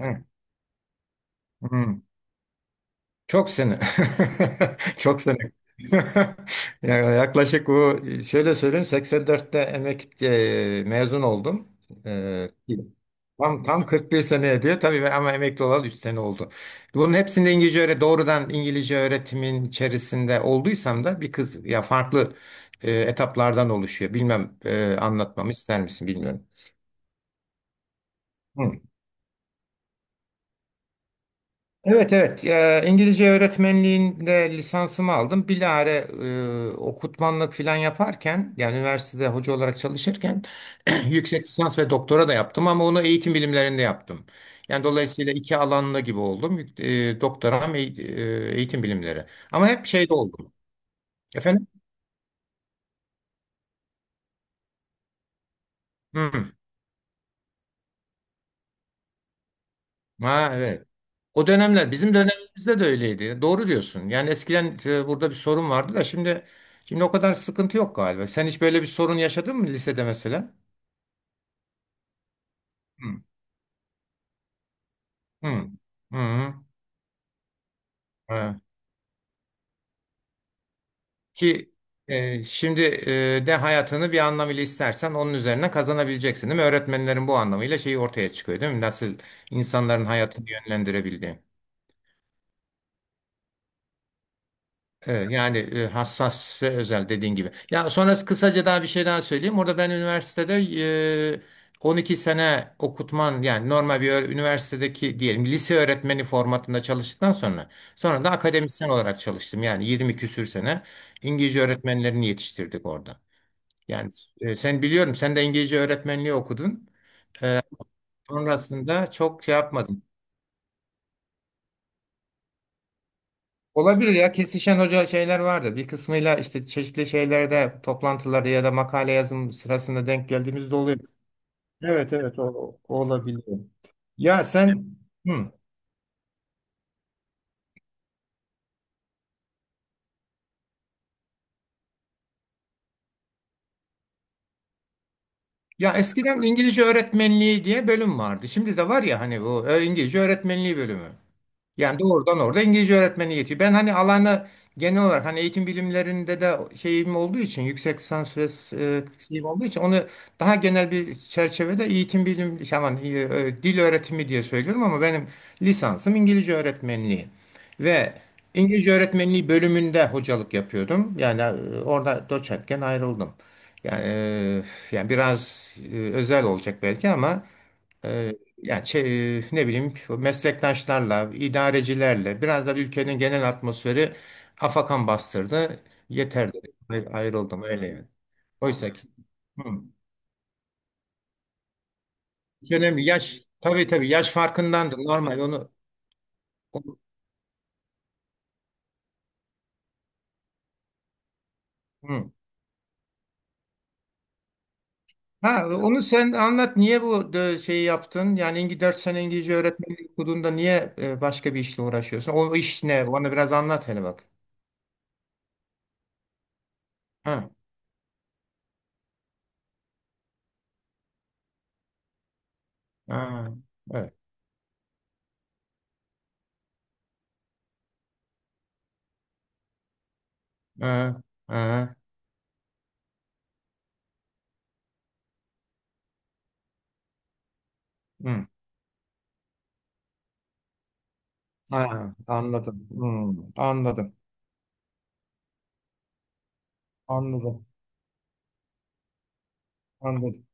Hı, hı. Çok sene. Çok sene. Ya Yaklaşık bu şöyle söyleyeyim 84'te mezun oldum. E, tam 41 sene ediyor tabii ben, ama emekli olalı 3 sene oldu. Bunun hepsinde İngilizce öğre doğrudan İngilizce öğretimin içerisinde olduysam da bir kız ya farklı etaplardan oluşuyor. Bilmem, anlatmamı ister misin bilmiyorum. Evet, evet. İngilizce öğretmenliğinde lisansımı aldım. Bilare okutmanlık falan yaparken, yani üniversitede hoca olarak çalışırken, yüksek lisans ve doktora da yaptım ama onu eğitim bilimlerinde yaptım. Yani dolayısıyla iki alanlı gibi oldum. Doktoram eğitim bilimleri. Ama hep şeyde oldum. Efendim? Hı. Ha, evet. O dönemler, bizim dönemimizde de öyleydi. Doğru diyorsun. Yani eskiden burada bir sorun vardı da şimdi o kadar sıkıntı yok galiba. Sen hiç böyle bir sorun yaşadın mı lisede mesela? Hı. Hı. Hı, hı. Ha. Ki şimdi de hayatını bir anlamıyla istersen onun üzerine kazanabileceksin, değil mi? Öğretmenlerin bu anlamıyla şeyi ortaya çıkıyor, değil mi? Nasıl insanların hayatını yönlendirebildiği. Evet, yani, hassas ve özel dediğin gibi. Ya sonra kısaca daha bir şey daha söyleyeyim. Orada ben üniversitede e, 12 sene okutman, yani normal bir üniversitedeki diyelim lise öğretmeni formatında çalıştıktan sonra da akademisyen olarak çalıştım. Yani 20 küsür sene İngilizce öğretmenlerini yetiştirdik orada. Yani, sen, biliyorum, sen de İngilizce öğretmenliği okudun. Sonrasında çok şey yapmadın. Olabilir ya, kesişen hoca şeyler vardır. Bir kısmıyla işte çeşitli şeylerde, toplantılarda ya da makale yazım sırasında denk geldiğimizde oluyor. Evet, evet, o olabilir. Ya sen, hı. Ya eskiden İngilizce öğretmenliği diye bölüm vardı. Şimdi de var ya, hani bu İngilizce öğretmenliği bölümü. Yani doğrudan orada İngilizce öğretmeni yetiyor. Ben hani alana genel olarak, hani eğitim bilimlerinde de şeyim olduğu için yüksek lisans ve e, şeyim olduğu için onu daha genel bir çerçevede, eğitim bilim, aman, dil öğretimi diye söylüyorum ama benim lisansım İngilizce öğretmenliği ve İngilizce öğretmenliği bölümünde hocalık yapıyordum. Yani, orada doçentken ayrıldım. Yani, e, yani, biraz özel olacak belki ama, ee, yani, ne bileyim, meslektaşlarla, idarecilerle, biraz da ülkenin genel atmosferi afakan bastırdı. Yeter dedi. Ayrıldım, öyle yani. Oysa ki hı. Hiç önemli, yaş, tabii tabii, yaş farkındandır, normal onu- hı. Ha, onu sen anlat, niye bu şeyi yaptın? Yani 4 sene İngilizce öğretmenlik okuduğunda niye başka bir işle uğraşıyorsun? O iş ne? Bana biraz anlat hele bak. Ha, ha, evet. Ha, ha, hı. Ha, anladım. Hmm, anladım. Anladım. Anladım.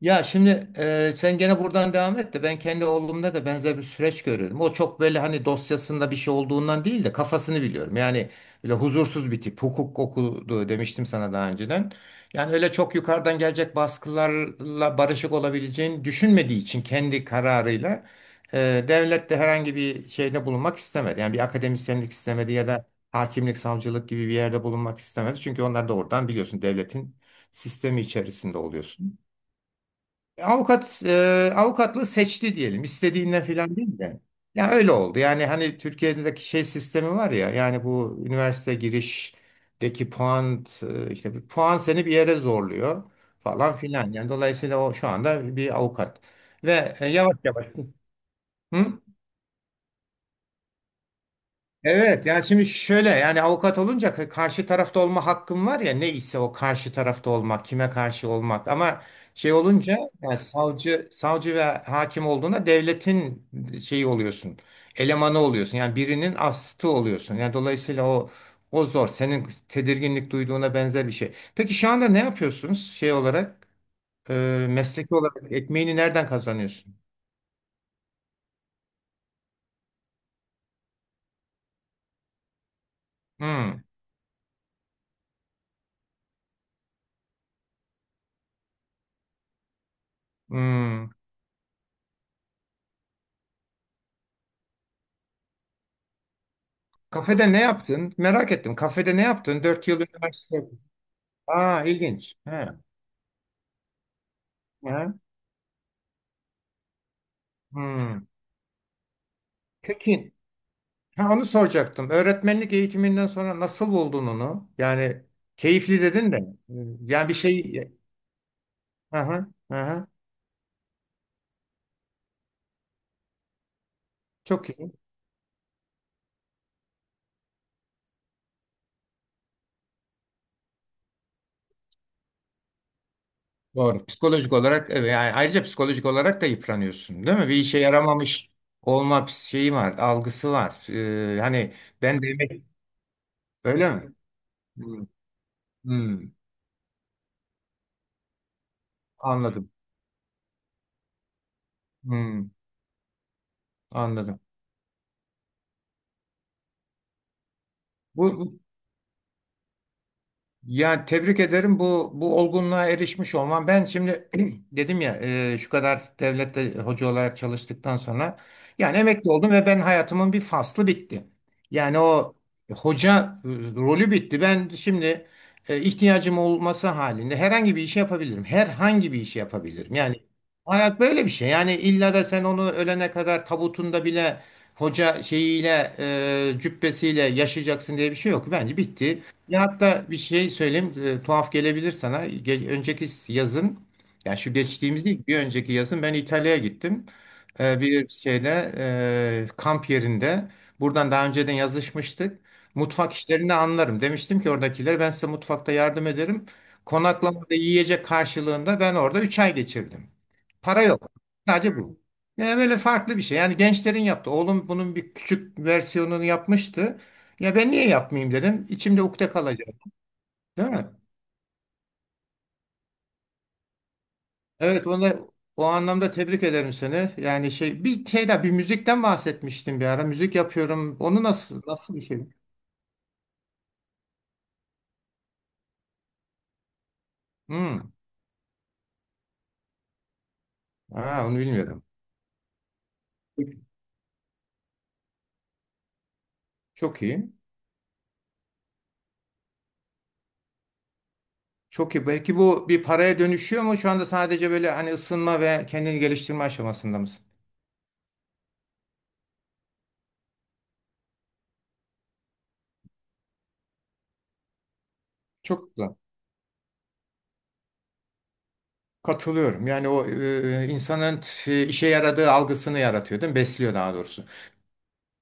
Ya şimdi, sen gene buradan devam et de ben kendi oğlumda da benzer bir süreç görüyorum. O çok böyle, hani dosyasında bir şey olduğundan değil de, kafasını biliyorum. Yani böyle huzursuz bir tip. Hukuk okudu demiştim sana daha önceden. Yani öyle çok yukarıdan gelecek baskılarla barışık olabileceğini düşünmediği için kendi kararıyla, e, devlet de herhangi bir şeyde bulunmak istemedi. Yani bir akademisyenlik istemedi ya da hakimlik, savcılık gibi bir yerde bulunmak istemedi. Çünkü onlar da oradan, biliyorsun, devletin sistemi içerisinde oluyorsun. Avukatlığı seçti diyelim. İstediğinden filan değil de. Ya öyle oldu. Yani hani Türkiye'deki şey sistemi var ya. Yani bu üniversite girişteki puan, işte bir puan seni bir yere zorluyor falan filan. Yani dolayısıyla o şu anda bir avukat. Ve, yavaş yavaş. Hı? Evet, yani şimdi şöyle, yani avukat olunca karşı tarafta olma hakkım var ya, ne ise o karşı tarafta olmak, kime karşı olmak, ama şey olunca, yani savcı ve hakim olduğunda, devletin şeyi oluyorsun, elemanı oluyorsun, yani birinin astı oluyorsun, yani dolayısıyla o zor, senin tedirginlik duyduğuna benzer bir şey. Peki şu anda ne yapıyorsunuz, şey olarak, mesleki olarak ekmeğini nereden kazanıyorsun? Hmm, hmm. Kafede ne yaptın? Merak ettim. Kafede ne yaptın? 4 yıl üniversite. Aa, ilginç. He. He. Hmm. Peki. Ha, onu soracaktım. Öğretmenlik eğitiminden sonra nasıl buldun onu? Yani keyifli dedin de. Yani bir şey. Aha, aha. Çok iyi. Doğru. Psikolojik olarak, evet, yani ayrıca psikolojik olarak da yıpranıyorsun, değil mi? Bir işe yaramamış olma şeyi var, algısı var. Hani ben demek, öyle mi? Hmm, hmm, anladım. Hmm, anladım. Bu, bu- Ya tebrik ederim bu olgunluğa erişmiş olman. Ben şimdi dedim ya, şu kadar devlette hoca olarak çalıştıktan sonra, yani emekli oldum ve ben, hayatımın bir faslı bitti. Yani o hoca rolü bitti. Ben şimdi, ihtiyacım olması halinde herhangi bir işi yapabilirim. Herhangi bir işi yapabilirim. Yani hayat böyle bir şey. Yani illa da sen onu ölene kadar tabutunda bile hoca şeyiyle, cübbesiyle yaşayacaksın diye bir şey yok. Bence bitti. Ya hatta bir şey söyleyeyim, tuhaf gelebilir sana. Önceki yazın, yani şu geçtiğimiz değil, bir önceki yazın ben İtalya'ya gittim. Bir şeyde, kamp yerinde, buradan daha önceden yazışmıştık. Mutfak işlerini anlarım. Demiştim ki oradakilere, ben size mutfakta yardım ederim. Konaklamada yiyecek karşılığında ben orada 3 ay geçirdim. Para yok. Sadece bu. Yani böyle farklı bir şey. Yani gençlerin yaptı. Oğlum bunun bir küçük versiyonunu yapmıştı. Ya ben niye yapmayayım dedim. İçimde ukde kalacak, değil mi? Evet, onu o anlamda tebrik ederim seni. Yani şey, bir şey daha, bir müzikten bahsetmiştim bir ara. Müzik yapıyorum. Onu nasıl bir şey? Hmm. Aa, onu bilmiyorum. Çok iyi. Çok iyi. Belki bu bir paraya dönüşüyor mu? Şu anda sadece böyle, hani ısınma ve kendini geliştirme aşamasında mısın? Çok güzel. Katılıyorum. Yani o, insanın işe yaradığı algısını yaratıyor, değil mi? Besliyor daha doğrusu.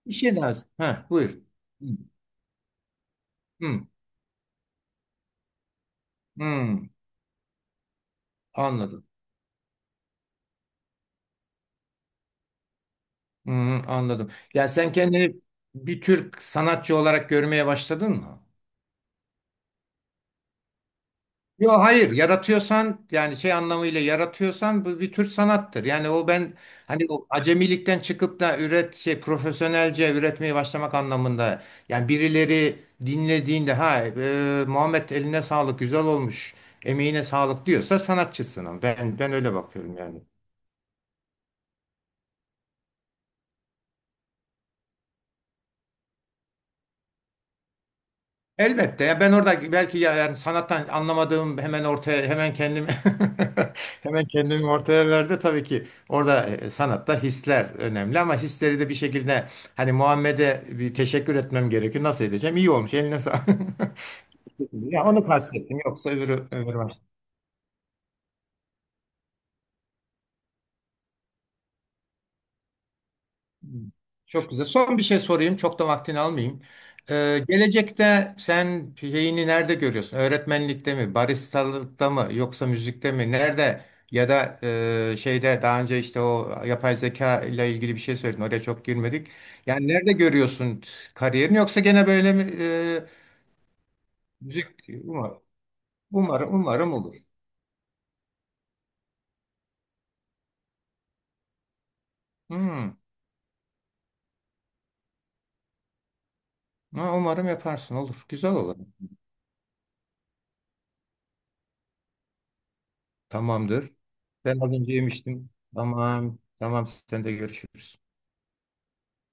İşe daha. Ha, buyur. Hı. Hı. Hı. Anladım. Hı hı, anladım. Yani sen kendini bir tür sanatçı olarak görmeye başladın mı? Yok, hayır, yaratıyorsan, yani şey anlamıyla yaratıyorsan, bu bir tür sanattır. Yani o ben, hani o acemilikten çıkıp da şey, profesyonelce üretmeye başlamak anlamında. Yani birileri dinlediğinde, ha, Muhammed eline sağlık, güzel olmuş, emeğine sağlık diyorsa sanatçısın. Ben öyle bakıyorum yani. Elbette ya, ben orada belki, ya yani sanattan anlamadığım hemen ortaya, hemen kendimi hemen kendimi ortaya verdi tabii ki, orada, sanatta hisler önemli ama hisleri de bir şekilde, hani Muhammed'e bir teşekkür etmem gerekiyor, nasıl edeceğim, iyi olmuş, eline sağlık ya onu kastettim, yoksa öbürü Çok güzel. Son bir şey sorayım. Çok da vaktini almayayım. Gelecekte sen şeyini nerede görüyorsun? Öğretmenlikte mi, baristalıkta mı, yoksa müzikte mi? Nerede? Ya da, şeyde, daha önce işte o yapay zeka ile ilgili bir şey söyledin. Oraya çok girmedik. Yani nerede görüyorsun kariyerini? Yoksa gene böyle mi? Müzik, umarım, umarım, umarım olur. Hmm. Ha, umarım yaparsın. Olur. Güzel olur. Tamamdır. Ben az önce yemiştim. Tamam. Tamam. Sen de görüşürüz.